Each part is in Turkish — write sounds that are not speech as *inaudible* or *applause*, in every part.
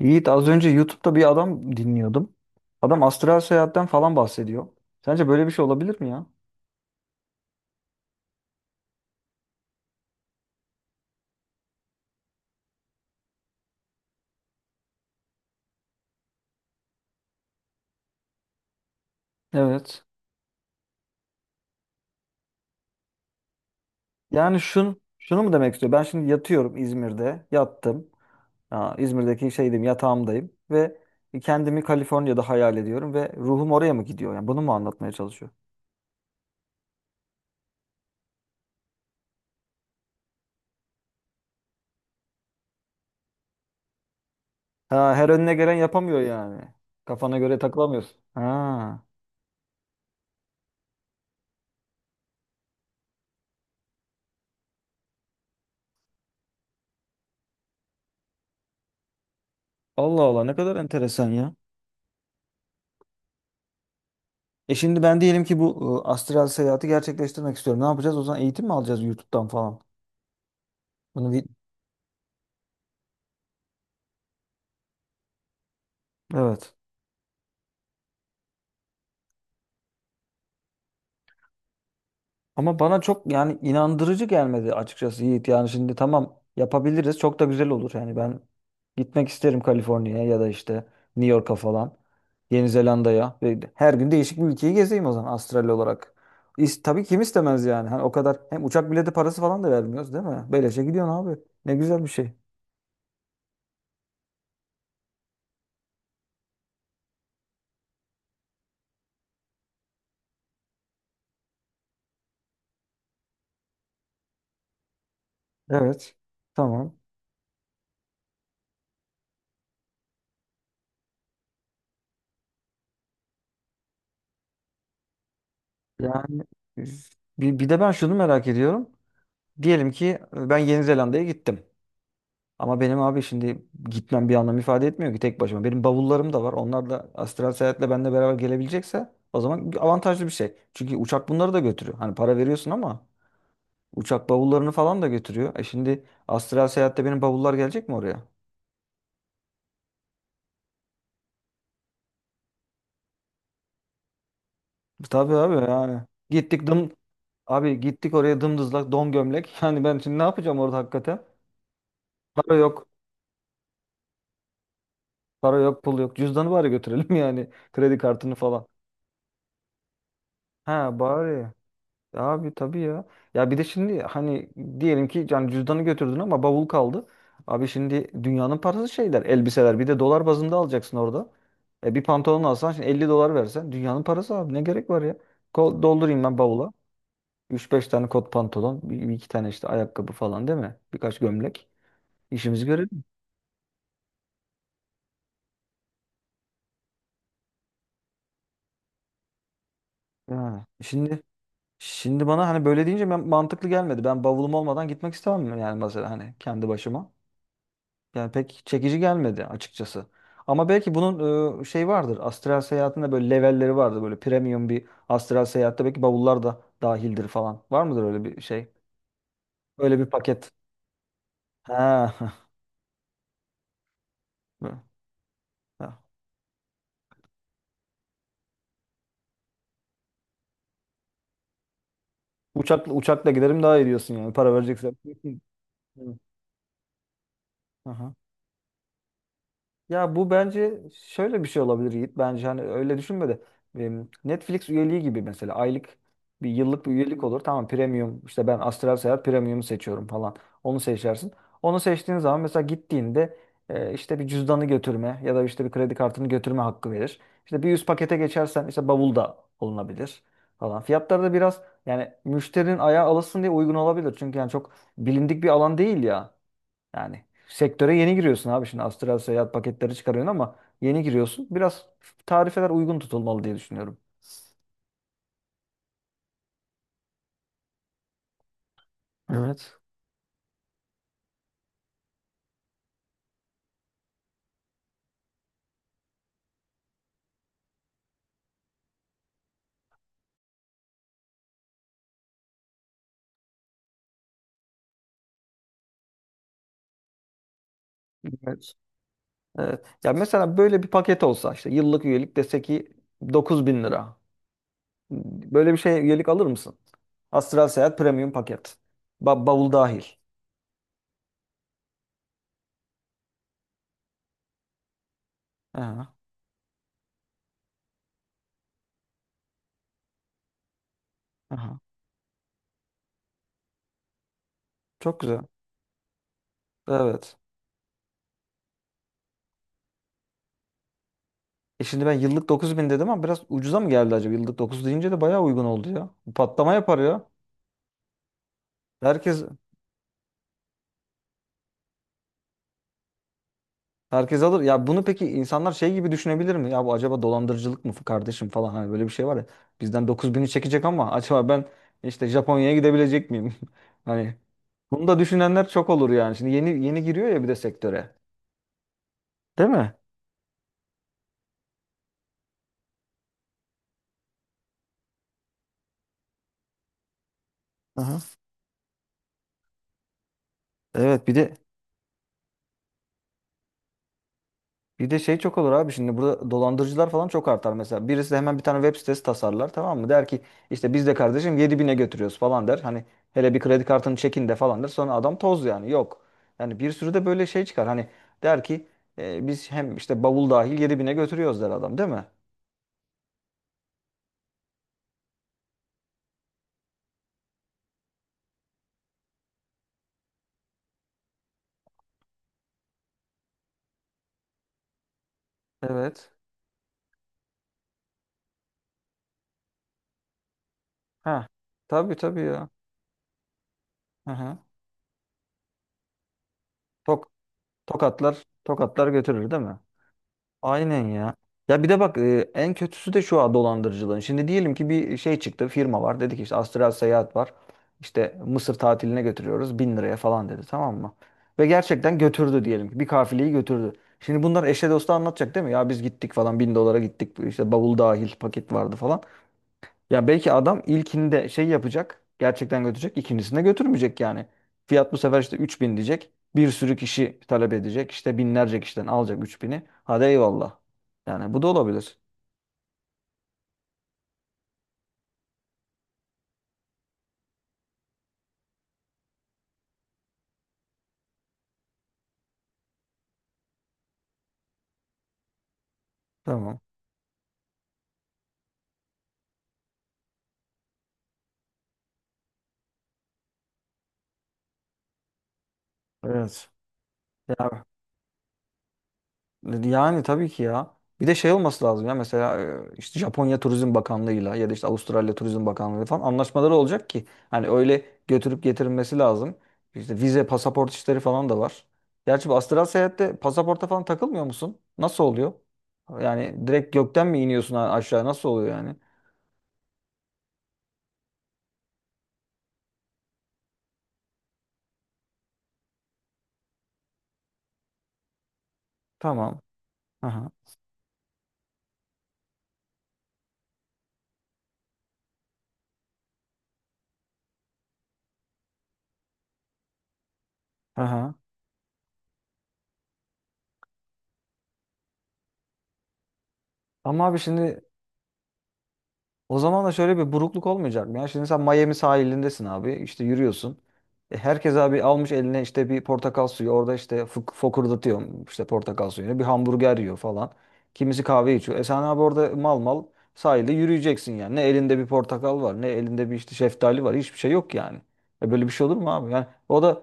Yiğit az önce YouTube'da bir adam dinliyordum. Adam astral seyahatten falan bahsediyor. Sence böyle bir şey olabilir mi ya? Evet. Yani şunu mu demek istiyor? Ben şimdi yatıyorum İzmir'de. Yattım. Ha, İzmir'deki şeydim, yatağımdayım. Ve kendimi Kaliforniya'da hayal ediyorum. Ve ruhum oraya mı gidiyor? Yani bunu mu anlatmaya çalışıyor? Ha, her önüne gelen yapamıyor yani. Kafana göre takılamıyorsun. Ha. Allah Allah ne kadar enteresan ya. E şimdi ben diyelim ki bu astral seyahati gerçekleştirmek istiyorum. Ne yapacağız? O zaman eğitim mi alacağız YouTube'dan falan? Bunu bir... Evet. Ama bana çok yani inandırıcı gelmedi açıkçası Yiğit. Yani şimdi tamam yapabiliriz. Çok da güzel olur. Yani ben gitmek isterim Kaliforniya'ya ya da işte New York'a falan. Yeni Zelanda'ya. Ve her gün değişik bir ülkeyi gezeyim o zaman astral olarak. Tabii kim istemez yani. Hani o kadar hem uçak bileti parası falan da vermiyoruz değil mi? Böylece gidiyorsun abi. Ne güzel bir şey. Evet. Tamam. Yani bir de ben şunu merak ediyorum. Diyelim ki ben Yeni Zelanda'ya gittim. Ama benim abi şimdi gitmem bir anlam ifade etmiyor ki tek başıma. Benim bavullarım da var. Onlar da astral seyahatle benimle beraber gelebilecekse o zaman avantajlı bir şey. Çünkü uçak bunları da götürüyor. Hani para veriyorsun ama uçak bavullarını falan da götürüyor. E şimdi astral seyahatte benim bavullar gelecek mi oraya? E tabii abi yani. Gittik dım abi gittik oraya dımdızlak don gömlek. *laughs* Yani ben şimdi ne yapacağım orada hakikaten? Para yok. Para yok, pul yok. Cüzdanı bari götürelim *laughs* yani. Kredi kartını falan. Ha bari. Abi tabii ya. Ya bir de şimdi hani diyelim ki yani cüzdanı götürdün ama bavul kaldı. Abi şimdi dünyanın parası şeyler, elbiseler. Bir de dolar bazında alacaksın orada. E bir pantolon alsan şimdi 50 dolar versen dünyanın parası abi ne gerek var ya? Doldurayım ben bavula. Üç beş tane kot pantolon, bir iki tane işte ayakkabı falan değil mi? Birkaç gömlek. İşimizi görelim. Yani şimdi bana hani böyle deyince ben, mantıklı gelmedi. Ben bavulum olmadan gitmek istemem yani mesela hani kendi başıma. Yani pek çekici gelmedi açıkçası. Ama belki bunun şey vardır. Astral seyahatinde böyle levelleri vardır. Böyle premium bir astral seyahatte belki bavullar da dahildir falan. Var mıdır öyle bir şey? Öyle bir paket. Ha. *laughs* Ha. Uçakla giderim daha iyi diyorsun yani. Para vereceksen. *laughs* Hı. Aha. Ya bu bence şöyle bir şey olabilir Yiğit. Bence hani öyle düşünme de Netflix üyeliği gibi mesela aylık bir yıllık bir üyelik olur. Tamam premium işte ben Astral Seyahat premium'u seçiyorum falan. Onu seçersin. Onu seçtiğin zaman mesela gittiğinde işte bir cüzdanı götürme ya da işte bir kredi kartını götürme hakkı verir. İşte bir üst pakete geçersen işte bavul da olunabilir falan. Fiyatları da biraz yani müşterinin ayağı alışsın diye uygun olabilir. Çünkü yani çok bilindik bir alan değil ya. Yani sektöre yeni giriyorsun abi, şimdi astral seyahat paketleri çıkarıyorsun ama yeni giriyorsun. Biraz tarifeler uygun tutulmalı diye düşünüyorum. Evet. Evet. Evet. Ya mesela böyle bir paket olsa işte yıllık üyelik dese ki 9 bin lira. Böyle bir şey üyelik alır mısın? Astral Seyahat Premium paket. Bavul dahil. Aha, aha. Çok güzel. Evet. E şimdi ben yıllık 9 bin dedim ama biraz ucuza mı geldi acaba? Yıllık 9 deyince de bayağı uygun oldu ya. Patlama yapar ya. Herkes Herkes alır. Ya bunu peki insanlar şey gibi düşünebilir mi? Ya bu acaba dolandırıcılık mı kardeşim falan, hani böyle bir şey var ya. Bizden 9 bini çekecek ama acaba ben işte Japonya'ya gidebilecek miyim? *laughs* Hani bunu da düşünenler çok olur yani. Şimdi yeni yeni giriyor ya bir de sektöre. Değil mi? Aha. Evet, bir de bir de şey çok olur abi, şimdi burada dolandırıcılar falan çok artar mesela. Birisi hemen bir tane web sitesi tasarlar tamam mı? Der ki işte biz de kardeşim 7 bine götürüyoruz falan der. Hani hele bir kredi kartını çekin de falan der. Sonra adam toz yani yok. Yani bir sürü de böyle şey çıkar. Hani der ki, "E, biz hem işte bavul dahil 7 bine götürüyoruz," der adam değil mi? Evet. Ha. Tabii tabii ya. Hı hı. Tok, tokatlar, tokatlar götürür değil mi? Aynen ya. Ya bir de bak en kötüsü de şu, ha, dolandırıcılığın. Şimdi diyelim ki bir şey çıktı, firma var. Dedi ki işte Astral Seyahat var. İşte Mısır tatiline götürüyoruz. Bin liraya falan dedi tamam mı? Ve gerçekten götürdü diyelim ki. Bir kafileyi götürdü. Şimdi bunlar eşe dosta anlatacak değil mi? Ya biz gittik falan, bin dolara gittik. İşte bavul dahil paket vardı falan. Ya belki adam ilkinde şey yapacak. Gerçekten götürecek. İkincisinde götürmeyecek yani. Fiyat bu sefer işte 3 bin diyecek. Bir sürü kişi talep edecek. İşte binlerce kişiden alacak 3 bini. Hadi eyvallah. Yani bu da olabilir. Tamam. Evet. Ya yani tabii ki ya. Bir de şey olması lazım ya, mesela işte Japonya Turizm Bakanlığı'yla ya da işte Avustralya Turizm Bakanlığı falan anlaşmaları olacak ki hani öyle götürüp getirilmesi lazım. İşte vize, pasaport işleri falan da var. Gerçi bu astral seyahatte pasaporta falan takılmıyor musun? Nasıl oluyor? Yani direkt gökten mi iniyorsun aşağı, nasıl oluyor yani? Tamam. Aha. Aha. Ama abi şimdi o zaman da şöyle bir burukluk olmayacak mı ya? Şimdi sen Miami sahilindesin abi, işte yürüyorsun. E, herkes abi almış eline işte bir portakal suyu. Orada işte fokurdatıyor işte portakal suyunu. Bir hamburger yiyor falan. Kimisi kahve içiyor. E sen abi orada mal mal sahilde yürüyeceksin yani. Ne elinde bir portakal var, ne elinde bir işte şeftali var. Hiçbir şey yok yani. E böyle bir şey olur mu abi? Yani o da...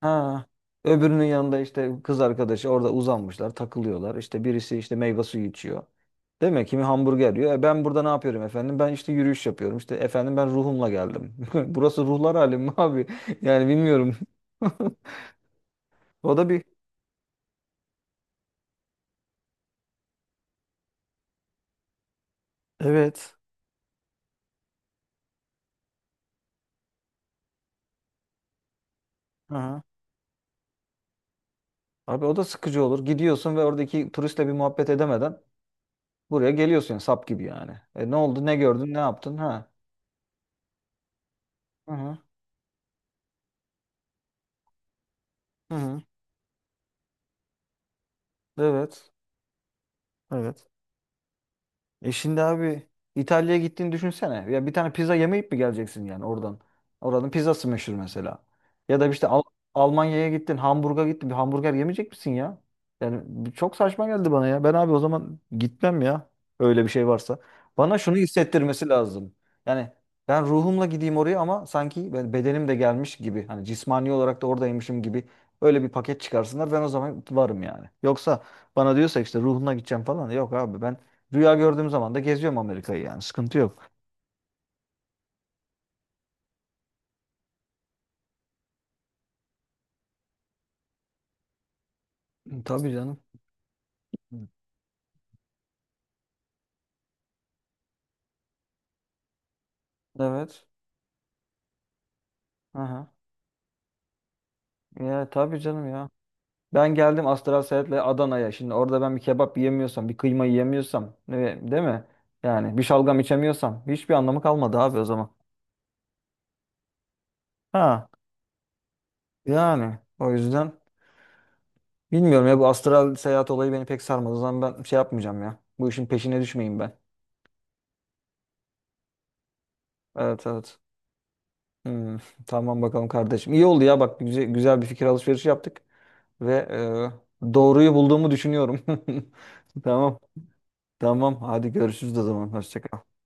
Ha. Öbürünün yanında işte kız arkadaşı orada uzanmışlar, takılıyorlar. İşte birisi işte meyve suyu içiyor. Değil mi? Kimi hamburger yiyor. E ben burada ne yapıyorum efendim? Ben işte yürüyüş yapıyorum. İşte efendim ben ruhumla geldim. *laughs* Burası ruhlar alemi mi abi? Yani bilmiyorum. *laughs* O da bir... Evet. Aha. Abi o da sıkıcı olur. Gidiyorsun ve oradaki turistle bir muhabbet edemeden buraya geliyorsun sap gibi yani. E ne oldu? Ne gördün? Ne yaptın? Ha. Hı hı. Hı hı. Evet. Evet. E şimdi abi İtalya'ya gittiğini düşünsene. Ya bir tane pizza yemeyip mi geleceksin yani oradan? Oranın pizzası meşhur mesela. Ya da işte Almanya'ya gittin, Hamburg'a gittin. Bir hamburger yemeyecek misin ya? Yani bu çok saçma geldi bana ya. Ben abi o zaman gitmem ya. Öyle bir şey varsa. Bana şunu hissettirmesi lazım. Yani ben ruhumla gideyim oraya ama sanki ben bedenim de gelmiş gibi. Hani cismani olarak da oradaymışım gibi. Öyle bir paket çıkarsınlar. Ben o zaman varım yani. Yoksa bana diyorsa işte ruhuna gideceğim falan, yok abi ben... Rüya gördüğüm zaman da geziyorum Amerika'yı yani. Sıkıntı yok. Tabii canım. Evet. Aha. Ya tabii canım ya. Ben geldim Astral Seyahat'le Adana'ya. Şimdi orada ben bir kebap yiyemiyorsam, bir kıyma yiyemiyorsam, değil mi? Yani bir şalgam içemiyorsam hiçbir anlamı kalmadı abi o zaman. Ha. Yani o yüzden bilmiyorum ya, bu astral seyahat olayı beni pek sarmadı. O zaman ben şey yapmayacağım ya. Bu işin peşine düşmeyeyim ben. Evet evet. Hmm, *laughs* tamam bakalım kardeşim. İyi oldu ya bak, güzel, güzel bir fikir alışverişi yaptık. Ve doğruyu bulduğumu düşünüyorum. *laughs* Tamam. Tamam. Hadi görüşürüz o zaman. Hoşça kal.